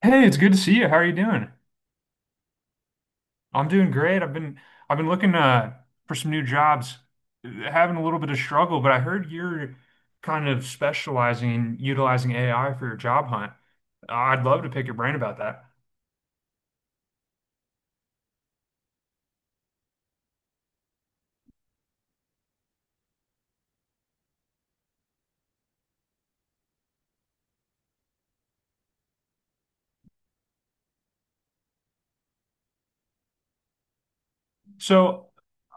Hey, it's good to see you. How are you doing? I'm doing great. I've been looking for some new jobs, having a little bit of struggle, but I heard you're kind of specializing in utilizing AI for your job hunt. I'd love to pick your brain about that. So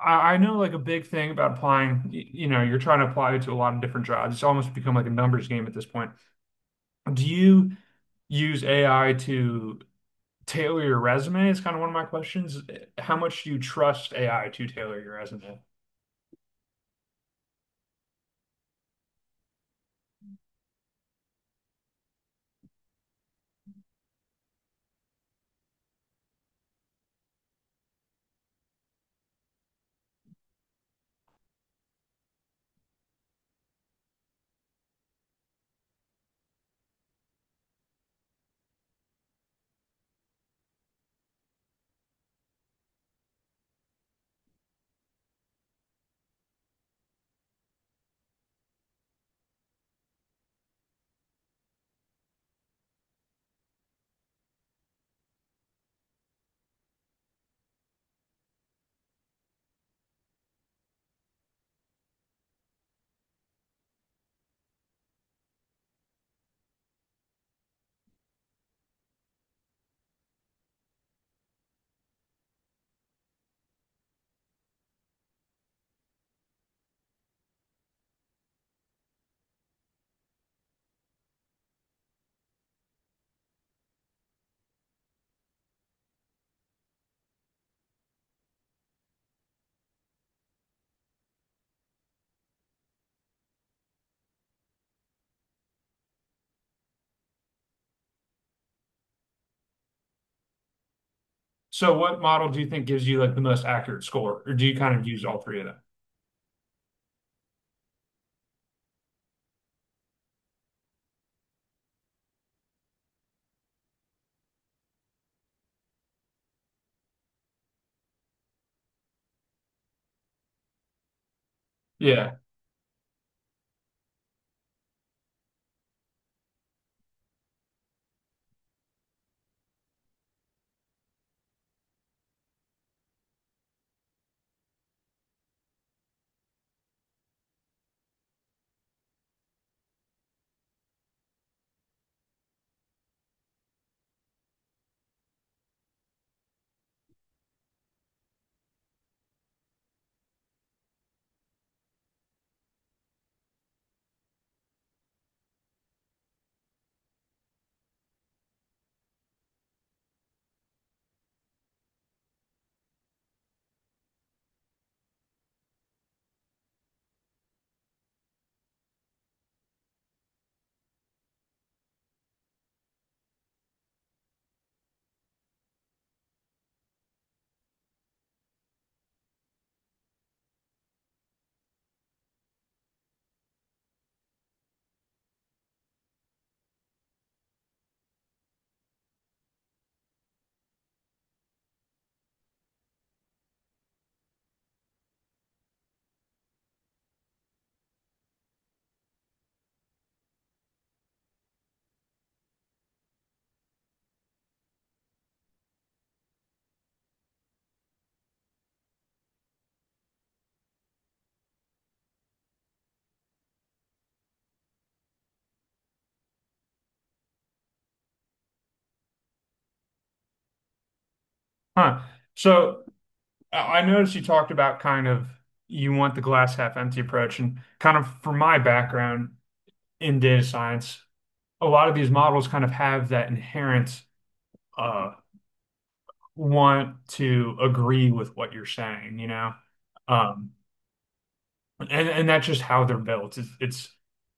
I know like a big thing about applying, you're trying to apply to a lot of different jobs. It's almost become like a numbers game at this point. Do you use AI to tailor your resume? Is kind of one of my questions. How much do you trust AI to tailor your resume? So what model do you think gives you like the most accurate score, or do you kind of use all three of them? Yeah. Huh. So I noticed you talked about kind of you want the glass half empty approach, and kind of from my background in data science, a lot of these models kind of have that inherent uh, want to agree with what you're saying, you know? Um, and that's just how they're built. It's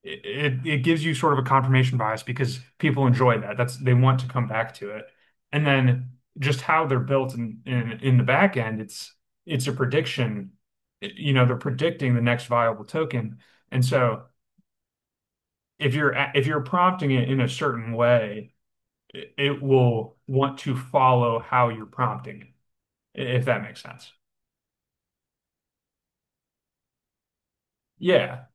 it it gives you sort of a confirmation bias because people enjoy that. That's they want to come back to it. And then just how they're built in the back end, it's a prediction. You know, they're predicting the next viable token. And so if you're prompting it in a certain way, it will want to follow how you're prompting it, if that makes sense. Yeah.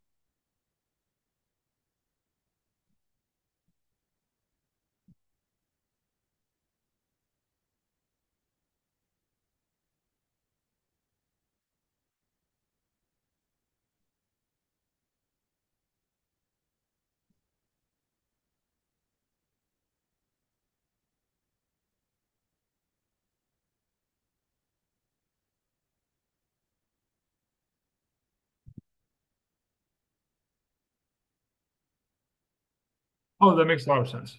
Oh, that makes a lot of sense.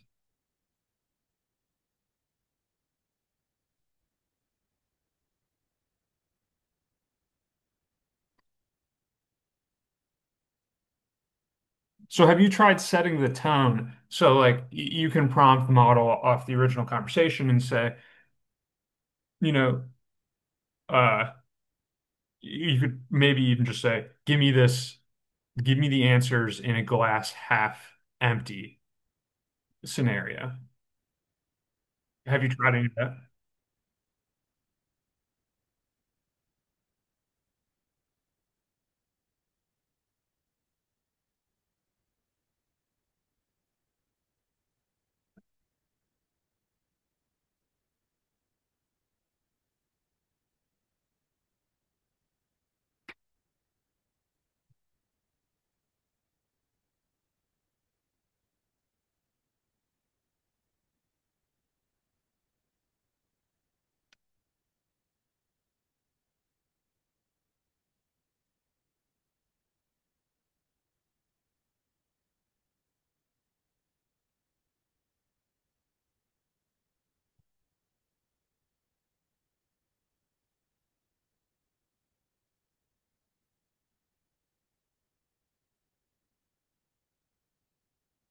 So have you tried setting the tone? So like you can prompt the model off the original conversation and say, you know, uh, you could maybe even just say, give me the answers in a glass half empty scenario. Have you tried any of that?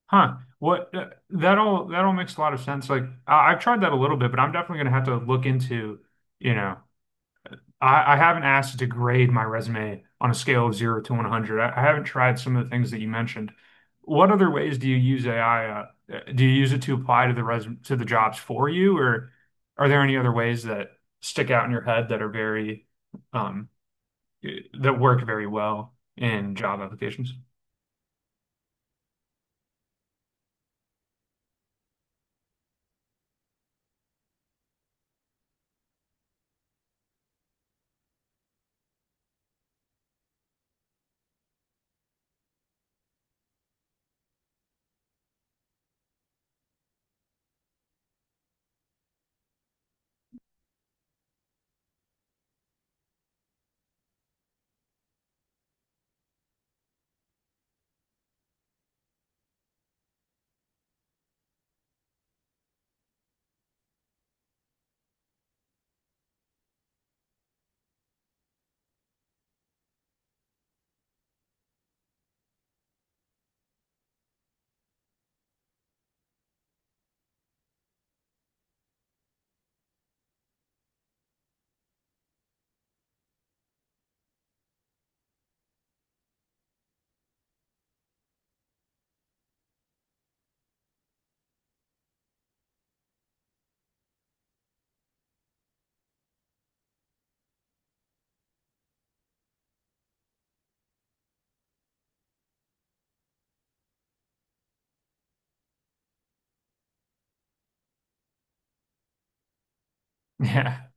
Huh. What that all makes a lot of sense. Like I've tried that a little bit, but I'm definitely gonna have to look into, you know. I haven't asked you to grade my resume on a scale of zero to 100. I haven't tried some of the things that you mentioned. What other ways do you use AI? Do you use it to apply to the resume to the jobs for you, or are there any other ways that stick out in your head that are very um, that work very well in job applications? Yeah,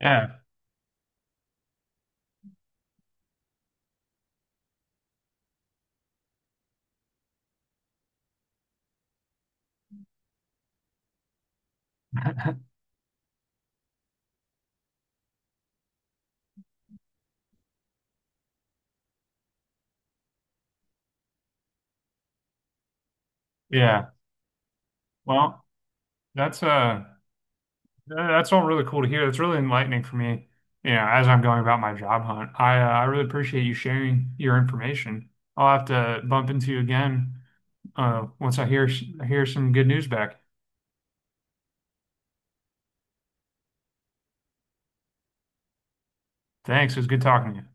yeah, yeah. Well, that's uh that's all really cool to hear. That's really enlightening for me, you know, as I'm going about my job hunt. I really appreciate you sharing your information. I'll have to bump into you again once I hear some good news back. Thanks. It was good talking to you.